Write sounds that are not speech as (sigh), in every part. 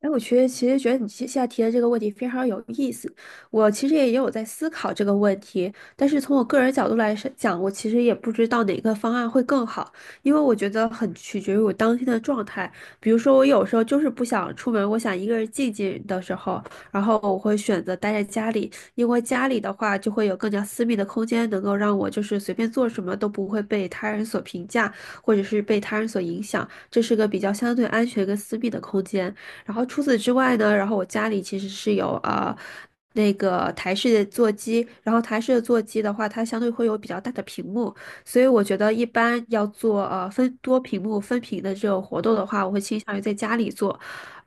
哎，我觉得其实你现在提的这个问题非常有意思。我其实也有在思考这个问题，但是从我个人角度来是讲，我其实也不知道哪个方案会更好，因为我觉得很取决于我当天的状态。比如说，我有时候就是不想出门，我想一个人静静的时候，然后我会选择待在家里，因为家里的话就会有更加私密的空间，能够让我就是随便做什么都不会被他人所评价，或者是被他人所影响，这是个比较相对安全跟私密的空间。然后除此之外呢，然后我家里其实是有啊、那个台式的座机，然后台式的座机的话，它相对会有比较大的屏幕，所以我觉得一般要做分多屏幕分屏的这种活动的话，我会倾向于在家里做，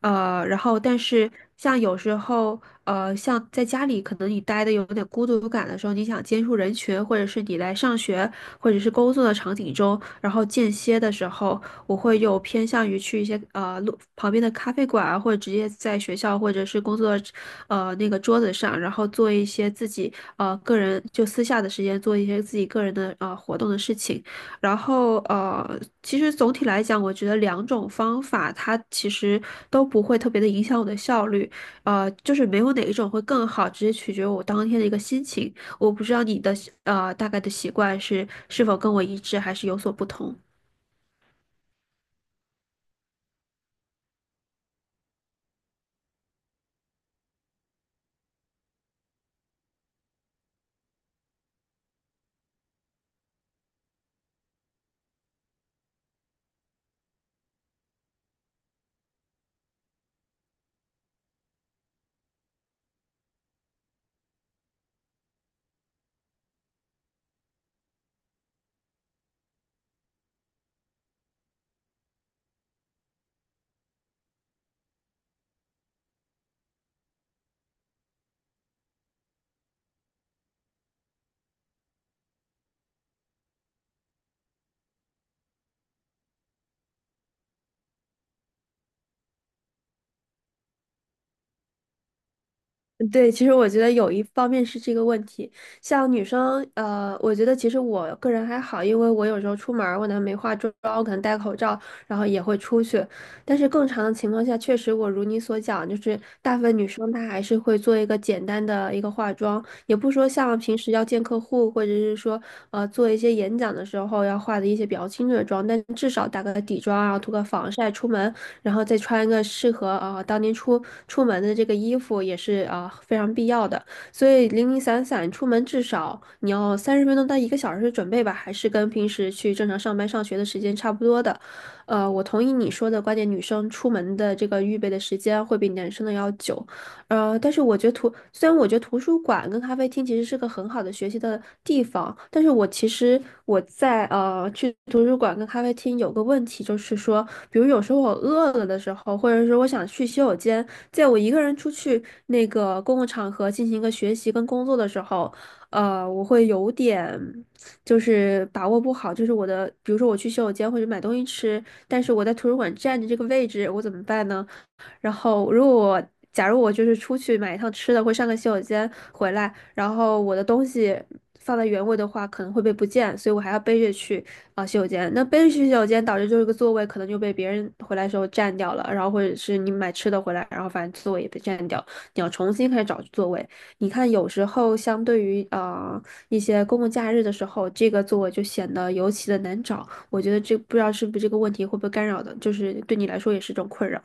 然后但是像有时候像在家里可能你待的有点孤独感的时候，你想接触人群，或者是你来上学或者是工作的场景中，然后间歇的时候。我会有偏向于去一些路旁边的咖啡馆啊，或者直接在学校或者是工作那个桌子上，然后做一些自己个人就私下的时间做一些自己个人的活动的事情。然后其实总体来讲，我觉得两种方法它其实都不会特别的影响我的效率，就是没有哪一种会更好，直接取决于我当天的一个心情。我不知道你的大概的习惯是是否跟我一致，还是有所不同。对，其实我觉得有一方面是这个问题，像女生，我觉得其实我个人还好，因为我有时候出门儿，我可能没化妆，我可能戴口罩，然后也会出去。但是更长的情况下，确实我如你所讲，就是大部分女生她还是会做一个简单的一个化妆，也不说像平时要见客户，或者是说做一些演讲的时候要化的一些比较清澈的妆，但至少打个底妆啊，涂个防晒出门，然后再穿一个适合啊、当天出门的这个衣服也是啊、非常必要的。所以零零散散出门至少你要30分钟到1个小时的准备吧，还是跟平时去正常上班上学的时间差不多的。我同意你说的观点，女生出门的这个预备的时间会比男生的要久。但是我觉得图，虽然我觉得图书馆跟咖啡厅其实是个很好的学习的地方，但是我其实在去图书馆跟咖啡厅有个问题，就是说，比如有时候我饿了的时候，或者说我想去洗手间，在我一个人出去那个公共场合进行一个学习跟工作的时候，我会有点就是把握不好，就是我的，比如说我去洗手间或者买东西吃，但是我在图书馆占着这个位置，我怎么办呢？然后如果我假如我就是出去买一趟吃的，或上个洗手间回来，然后我的东西放在原位的话，可能会被不见，所以我还要背着去啊、洗手间。那背着去洗手间，导致就是个座位可能就被别人回来的时候占掉了，然后或者是你买吃的回来，然后反正座位也被占掉，你要重新开始找座位。你看，有时候相对于一些公共假日的时候，这个座位就显得尤其的难找。我觉得这不知道是不是这个问题会不会干扰的，就是对你来说也是一种困扰。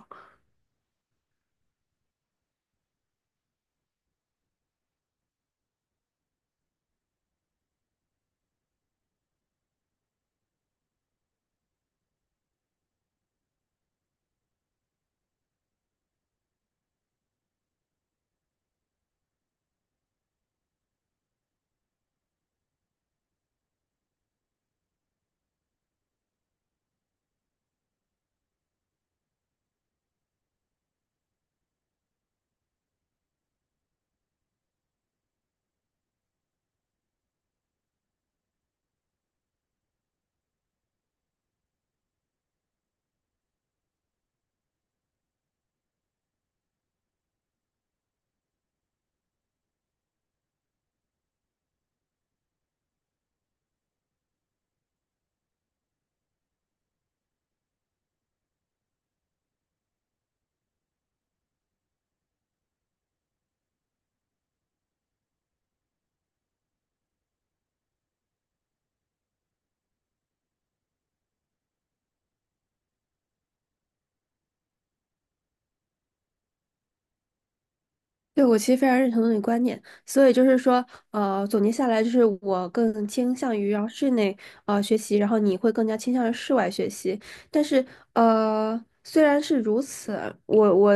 对，我其实非常认同那的观念，所以就是说，总结下来就是我更倾向于然后室内学习，然后你会更加倾向于室外学习。但是虽然是如此，我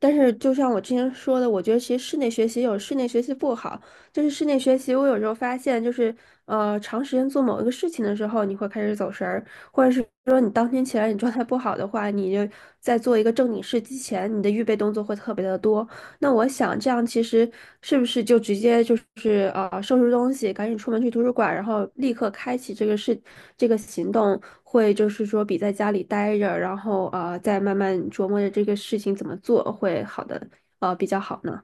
但是就像我之前说的，我觉得其实室内学习有室内学习不好，就是室内学习，我有时候发现就是长时间做某一个事情的时候，你会开始走神儿，或者是说你当天起来你状态不好的话，你就在做一个正经事之前，你的预备动作会特别的多。那我想这样其实是不是就直接就是收拾东西，赶紧出门去图书馆，然后立刻开启这个事这个行动，会就是说比在家里待着，然后再慢慢琢磨着这个事情怎么做会好的比较好呢？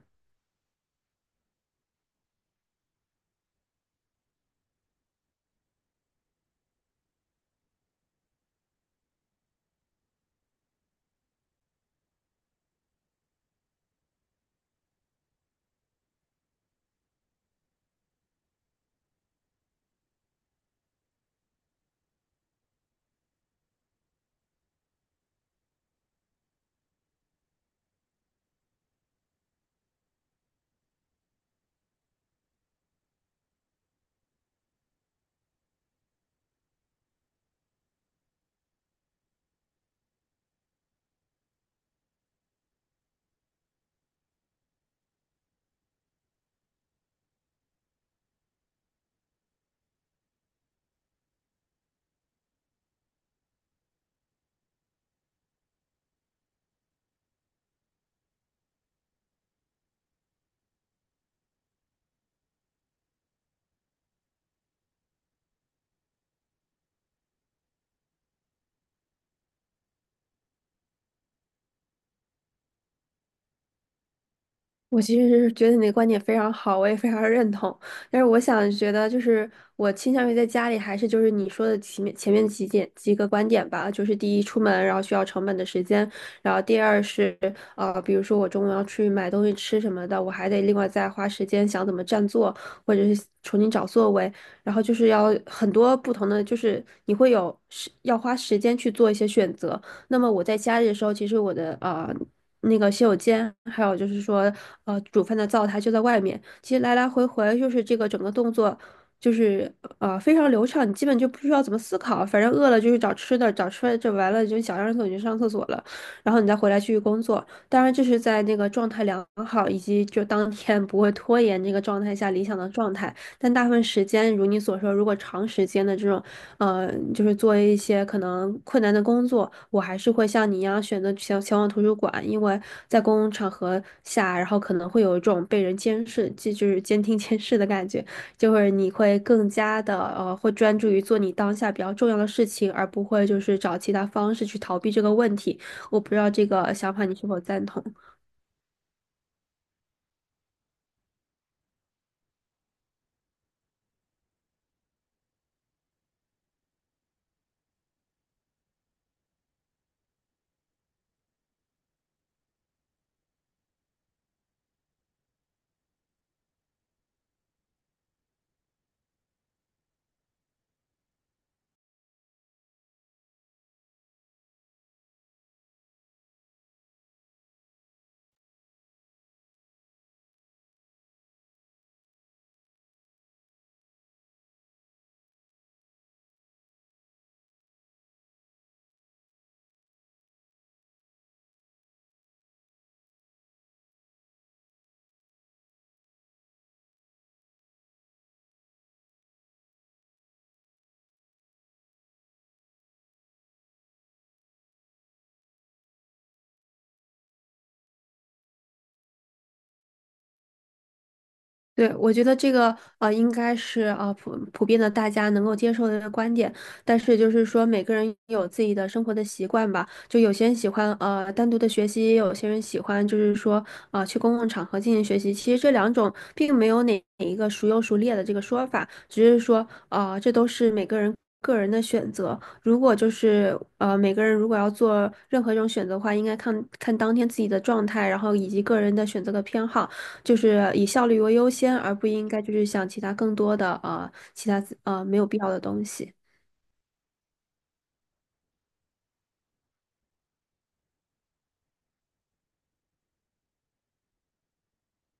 我其实是觉得你的观点非常好，我也非常认同。但是我想觉得，就是我倾向于在家里，还是就是你说的前面几点几个观点吧，就是第1，出门然后需要成本的时间，然后第2是比如说我中午要去买东西吃什么的，我还得另外再花时间想怎么占座，或者是重新找座位，然后就是要很多不同的，就是你会有时要花时间去做一些选择。那么我在家里的时候，其实我的啊。那个洗手间，还有就是说，煮饭的灶台就在外面。其实来来回回就是这个整个动作，就是非常流畅，你基本就不需要怎么思考，反正饿了就去找吃的，找吃的就完了就想上厕所你就上厕所了，然后你再回来继续工作。当然这是在那个状态良好以及就当天不会拖延这个状态下理想的状态，但大部分时间如你所说，如果长时间的这种。就是做一些可能困难的工作，我还是会像你一样选择前往图书馆，因为在公共场合下，然后可能会有一种被人监视，这就是监听 (laughs) 监视的感觉，就是你会更加的会专注于做你当下比较重要的事情，而不会就是找其他方式去逃避这个问题。我不知道这个想法你是否赞同。对，我觉得这个应该是普普遍的大家能够接受的观点，但是就是说每个人有自己的生活的习惯吧，就有些人喜欢单独的学习，也有些人喜欢就是说啊去公共场合进行学习。其实这两种并没有哪一个孰优孰劣的这个说法，只是说啊这都是每个人个人的选择。如果就是每个人如果要做任何一种选择的话，应该看看当天自己的状态，然后以及个人的选择的偏好。就是以效率为优先，而不应该就是想其他更多的其他没有必要的东西。